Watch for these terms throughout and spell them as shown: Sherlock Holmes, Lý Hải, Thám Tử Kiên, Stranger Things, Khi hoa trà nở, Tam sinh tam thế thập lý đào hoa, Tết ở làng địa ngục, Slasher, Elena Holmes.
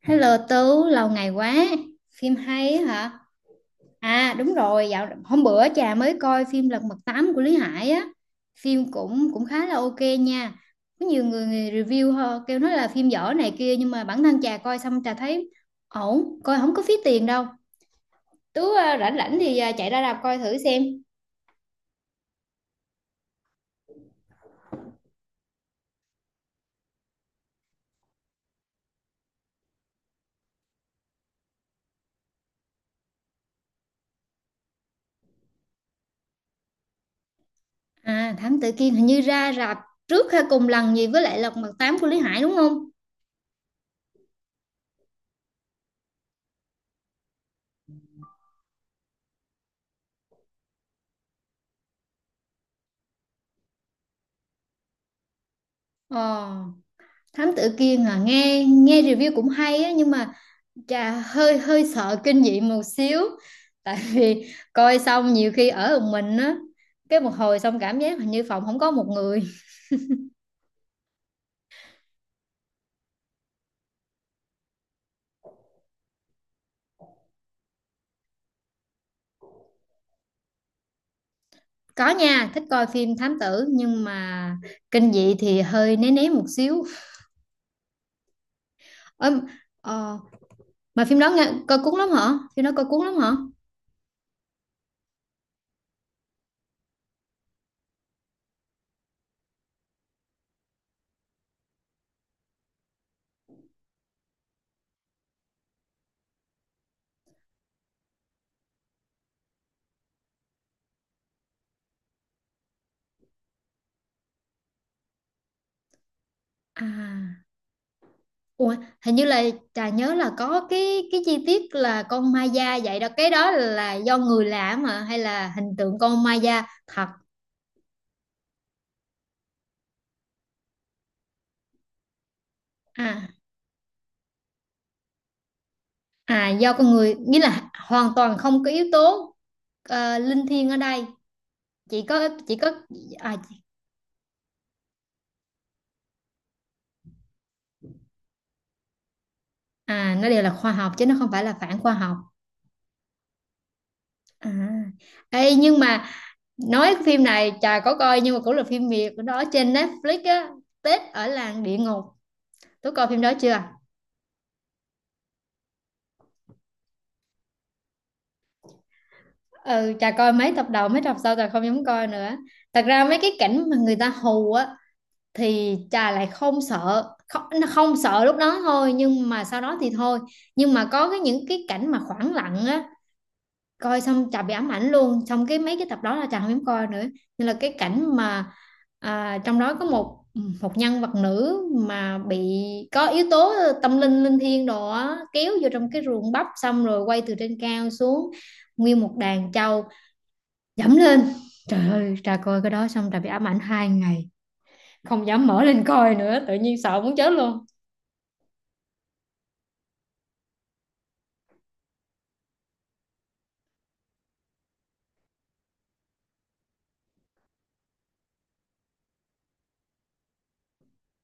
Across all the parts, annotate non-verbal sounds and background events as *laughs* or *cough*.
Hello Tú, lâu ngày quá. Phim hay á hả? À đúng rồi, dạo hôm bữa trà mới coi phim Lật Mặt Tám của Lý Hải á. Phim cũng cũng khá là ok nha. Có nhiều người review họ kêu nói là phim dở này kia, nhưng mà bản thân trà coi xong trà thấy ổn, coi không có phí tiền đâu. Tú à, rảnh rảnh thì chạy ra rạp coi thử xem. À Thám Tử Kiên hình như ra rạp trước hay cùng lần gì với lại Lật Mặt Tám của Lý Hải đúng không? Ờ, Thám Tử Kiên à, nghe nghe review cũng hay á, nhưng mà chà, hơi hơi sợ kinh dị một xíu, tại vì coi xong nhiều khi ở một mình á, cái một hồi xong cảm giác hình như phòng không có một người. Có nha, thích coi phim thám tử nhưng mà kinh dị thì hơi né né một xíu. Ơ, ờ, mà phim đó nghe, coi cuốn lắm hả? Phim đó coi cuốn lắm hả? À ủa, hình như là trà nhớ là có cái chi tiết là con ma da vậy đó, cái đó là do người làm mà, hay là hình tượng con ma da thật? À À, do con người, nghĩa là hoàn toàn không có yếu tố linh thiêng ở đây, chỉ có à, à, nó đều là khoa học chứ nó không phải là phản khoa học. À ê, nhưng mà nói cái phim này chà có coi, nhưng mà cũng là phim Việt đó, trên Netflix á, Tết ở làng địa ngục, tôi coi phim đó chưa? Ừ chà, coi mấy tập đầu, mấy tập sau chà không dám coi nữa. Thật ra mấy cái cảnh mà người ta hù á thì trà lại không sợ, không, nó không sợ lúc đó thôi nhưng mà sau đó thì thôi. Nhưng mà có cái, những cái cảnh mà khoảng lặng á, coi xong trà bị ám ảnh luôn, xong cái mấy cái tập đó là trà không dám coi nữa. Nên là cái cảnh mà à, trong đó có một một nhân vật nữ mà bị có yếu tố tâm linh linh thiêng đồ á, kéo vô trong cái ruộng bắp, xong rồi quay từ trên cao xuống, nguyên một đàn trâu dẫm lên. Trời ơi, trà coi cái đó xong trà bị ám ảnh hai ngày, không dám mở lên coi nữa, tự nhiên sợ muốn chết luôn.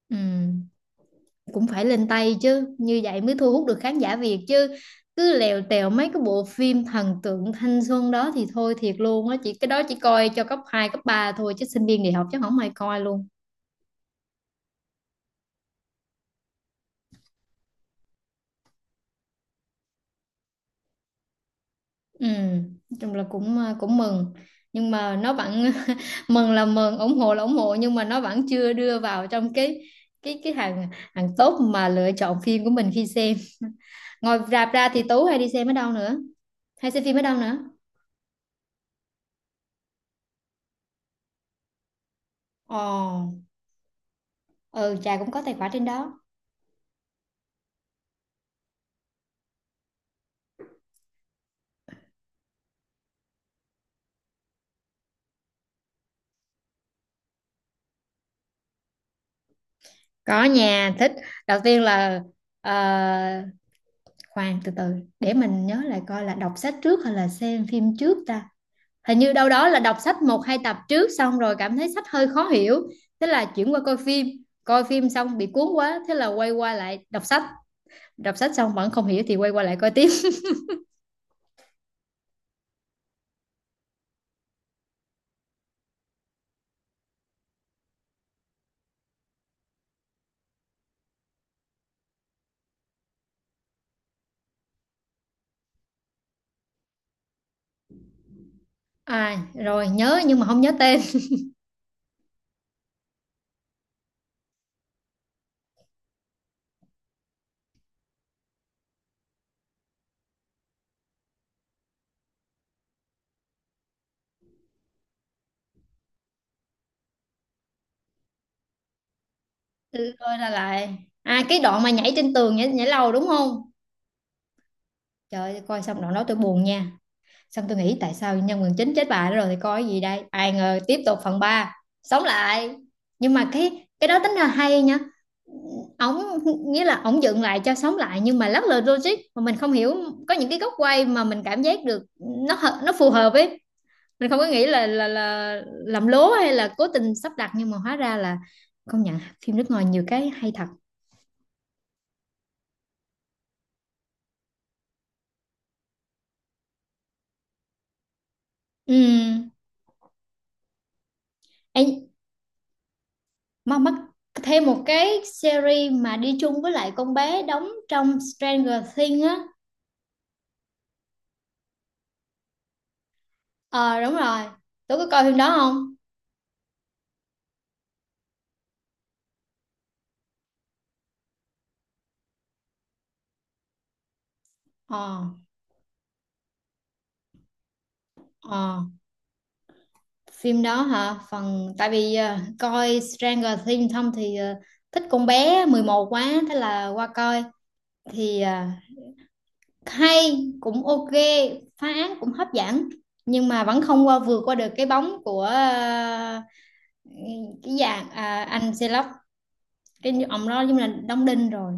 Ừ, cũng phải lên tay chứ, như vậy mới thu hút được khán giả Việt chứ, cứ lèo tèo mấy cái bộ phim thần tượng thanh xuân đó thì thôi thiệt luôn á, chỉ cái đó chỉ coi cho cấp 2 cấp 3 thôi chứ sinh viên đại học chắc không ai coi luôn. Ừ, nói chung là cũng cũng mừng, nhưng mà nó vẫn *laughs* mừng là mừng, ủng hộ là ủng hộ, nhưng mà nó vẫn chưa đưa vào trong cái hàng hàng top mà lựa chọn phim của mình khi xem. *laughs* Ngoài rạp ra thì Tú hay đi xem ở đâu nữa, hay xem phim ở đâu nữa? Ồ, ừ, Trà cũng có tài khoản trên đó. Có nhà thích. Đầu tiên là ờ, khoan từ từ, để mình nhớ lại coi là đọc sách trước hay là xem phim trước ta. Hình như đâu đó là đọc sách một hai tập trước, xong rồi cảm thấy sách hơi khó hiểu, thế là chuyển qua coi phim. Coi phim xong bị cuốn quá, thế là quay qua lại đọc sách, đọc sách xong vẫn không hiểu thì quay qua lại coi tiếp. À rồi nhớ, nhưng mà không nhớ tên. Rồi là lại, à cái đoạn mà nhảy trên tường, nhảy lầu đúng không? Trời ơi, coi xong đoạn đó tôi buồn nha, xong tôi nghĩ tại sao nhân vật chính chết bà đó rồi thì coi cái gì đây, ai ngờ tiếp tục phần 3 sống lại. Nhưng mà cái đó tính là hay nha. Ổng, nghĩa là ổng dựng lại cho sống lại nhưng mà lắc lư logic mà mình không hiểu. Có những cái góc quay mà mình cảm giác được nó nó phù hợp ấy. Mình không có nghĩ là là làm lố hay là cố tình sắp đặt, nhưng mà hóa ra là, công nhận phim nước ngoài nhiều cái hay thật. Ừ. Em, mà mắc thêm một cái series mà đi chung với lại con bé đóng trong Stranger Things á. Ờ đúng rồi, tôi có coi phim đó không? Ờ, ờ phim đó hả? Phần tại vì coi Stranger Things xong thì thích con bé 11 quá, thế là qua coi. Thì hay cũng ok, phá án cũng hấp dẫn, nhưng mà vẫn không qua vượt qua được cái bóng của cái dạng anh Sherlock, cái ông đó giống như là đóng đinh rồi.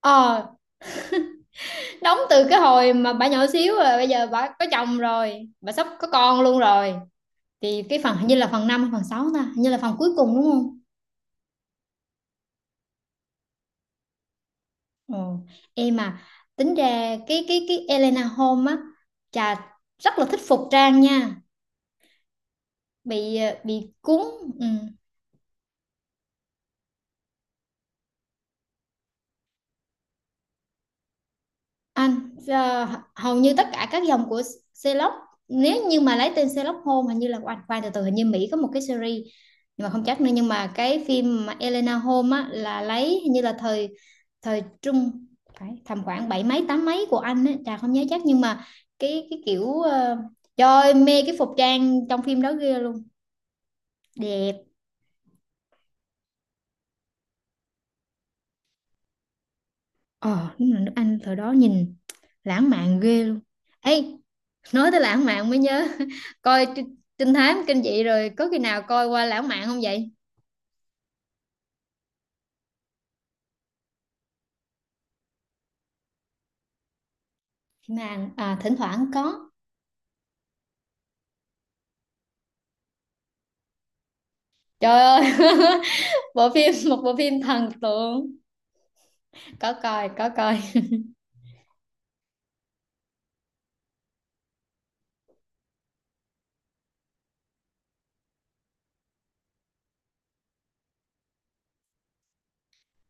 Ờ, đóng từ cái hồi mà bà nhỏ xíu, rồi bây giờ bà có chồng rồi, bà sắp có con luôn rồi. Thì cái phần hình như là phần 5 hay phần 6 ta, hình như là phần cuối cùng đúng không? Ồ, em mà tính ra cái Elena Holmes á, chà rất là thích phục trang nha, bị bị cuốn. Ừ. Anh hầu như tất cả các dòng của Sherlock, nếu như mà lấy tên Sherlock Holmes hình như là anh, khoan từ từ, hình như Mỹ có một cái series nhưng mà không chắc nữa. Nhưng mà cái phim mà Elena Holmes á là lấy hình như là thời, thời trung, phải tầm khoảng bảy mấy tám mấy của anh ấy, Trà không nhớ chắc, nhưng mà cái kiểu trời ơi, mê cái phục trang trong phim đó ghê luôn, đẹp. Ờ, đúng là nước Anh thời đó nhìn lãng mạn ghê luôn. Ê, nói tới lãng mạn mới nhớ, *laughs* coi trinh trinh thám kinh dị rồi có khi nào coi qua lãng mạn không vậy? Mà thỉnh thoảng có. Trời ơi, *laughs* bộ phim, một bộ phim thần tượng. Có coi, có coi.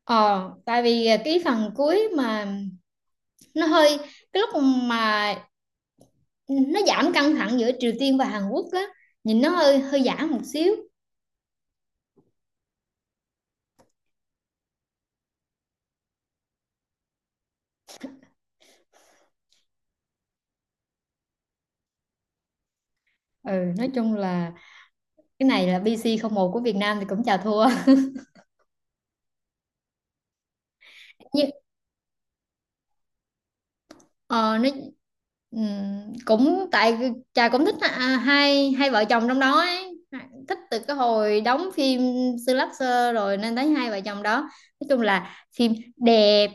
Ờ, tại vì cái phần cuối mà nó hơi, cái lúc mà nó giảm căng thẳng giữa Triều Tiên và Hàn Quốc á, nhìn nó hơi hơi giả một xíu. Ừ, nói chung là cái này là BC một của Việt Nam thì cũng chà thua. *laughs* Nhưng ờ, nó, cũng tại chà cũng thích hai hai vợ chồng trong đó ấy, thích từ cái hồi đóng phim Slasher rồi, nên thấy hai vợ chồng đó nói chung là phim đẹp,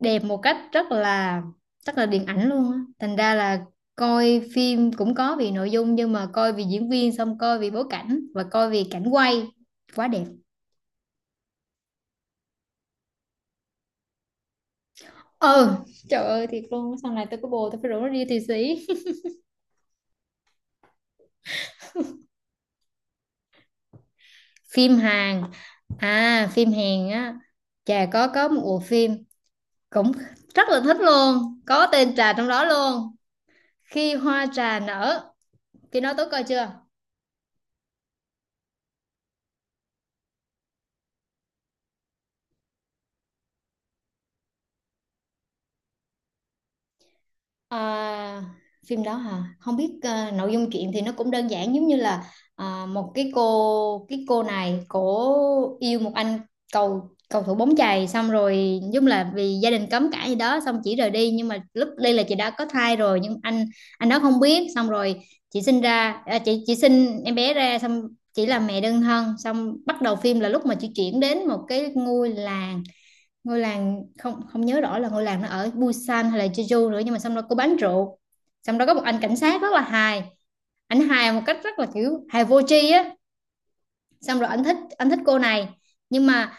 đẹp một cách rất là, rất là điện ảnh luôn á, thành ra là coi phim cũng có vì nội dung, nhưng mà coi vì diễn viên, xong coi vì bối cảnh, và coi vì cảnh quay quá đẹp. Ừ, trời ơi thiệt luôn, sau này tôi có bồ tôi phải rủ nó đi Thụy Sĩ. *laughs* Phim Hàn, à phim Hàn á, trà có một bộ phim cũng rất là thích luôn, có tên trà trong đó luôn: Khi Hoa Trà Nở. Khi đó tôi coi chưa? À, phim đó hả? Không biết à, nội dung chuyện thì nó cũng đơn giản, giống như là một cái cô, cái cô này cổ yêu một anh cầu cầu thủ bóng chày, xong rồi giống là vì gia đình cấm cãi gì đó, xong chỉ rời đi nhưng mà lúc đi là chị đã có thai rồi, nhưng anh đó không biết. Xong rồi chị sinh ra, à, chị sinh em bé ra, xong chỉ là mẹ đơn thân. Xong bắt đầu phim là lúc mà chị chuyển đến một cái ngôi làng, ngôi làng không không nhớ rõ là ngôi làng nó ở Busan hay là Jeju nữa. Nhưng mà xong đó có bán rượu, xong đó có một anh cảnh sát rất là hài, anh hài một cách rất là kiểu hài vô tri á, xong rồi anh thích, anh thích cô này, nhưng mà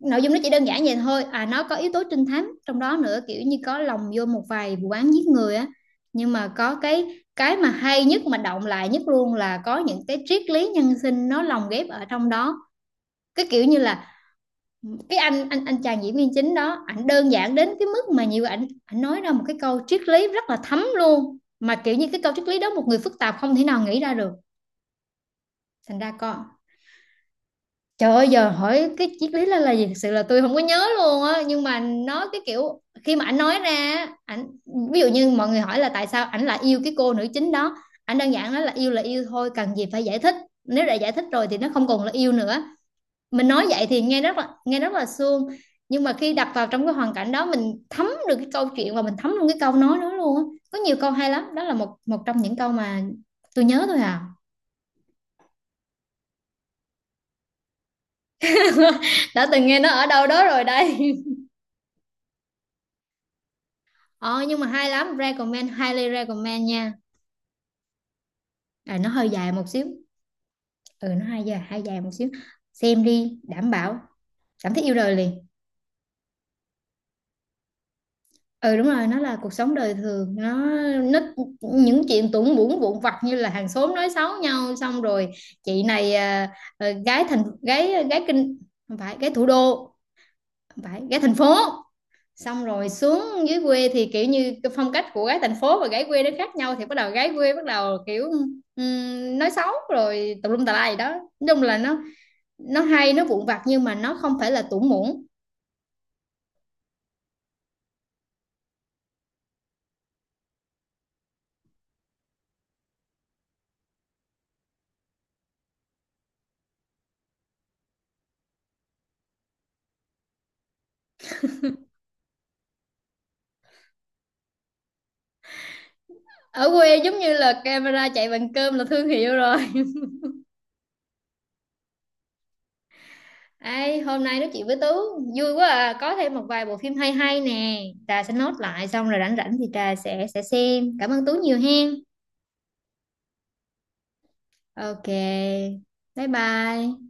nội dung nó chỉ đơn giản vậy thôi à, nó có yếu tố trinh thám trong đó nữa, kiểu như có lồng vô một vài vụ án giết người á. Nhưng mà có cái mà hay nhất mà động lại nhất luôn là có những cái triết lý nhân sinh nó lồng ghép ở trong đó. Cái kiểu như là cái anh, anh chàng diễn viên chính đó, ảnh đơn giản đến cái mức mà nhiều ảnh ảnh nói ra một cái câu triết lý rất là thấm luôn, mà kiểu như cái câu triết lý đó một người phức tạp không thể nào nghĩ ra được. Thành ra con, trời ơi, giờ hỏi cái triết lý là gì thực sự là tôi không có nhớ luôn á, nhưng mà nó cái kiểu khi mà ảnh nói ra, ảnh ví dụ như mọi người hỏi là tại sao ảnh lại yêu cái cô nữ chính đó, ảnh đơn giản nói là yêu thôi, cần gì phải giải thích, nếu đã giải thích rồi thì nó không còn là yêu nữa. Mình nói vậy thì nghe rất là, nghe rất là suông, nhưng mà khi đặt vào trong cái hoàn cảnh đó mình thấm được cái câu chuyện và mình thấm luôn cái câu nói đó luôn á. Có nhiều câu hay lắm, đó là một, một trong những câu mà tôi nhớ thôi à. *laughs* Đã từng nghe nó ở đâu đó rồi đây. *laughs* Ờ, nhưng mà hay lắm, recommend, highly recommend nha. À, nó hơi dài một xíu. Ừ, nó hơi dài, hơi dài một xíu. Xem đi đảm bảo cảm thấy yêu đời liền. Ừ đúng rồi, nó là cuộc sống đời thường, nó những chuyện tủng bủn vụn vặt như là hàng xóm nói xấu nhau, xong rồi chị này à, à, gái thành, gái gái kinh, không phải gái thủ đô, không phải gái thành phố, xong rồi xuống dưới quê thì kiểu như cái phong cách của gái thành phố và gái quê nó khác nhau, thì bắt đầu gái quê bắt đầu kiểu nói xấu rồi tùm lum tà lai gì đó. Nói chung là nó hay, nó vụn vặt nhưng mà nó không phải là tủng bủn. Ở quê giống như là camera chạy bằng cơm là thương hiệu rồi. Ê, hôm nay nói chuyện với Tú vui quá à, có thêm một vài bộ phim hay hay nè, Trà sẽ nốt lại, xong rồi rảnh rảnh thì Trà sẽ xem. Cảm ơn Tú nhiều hen. Ok. Bye bye.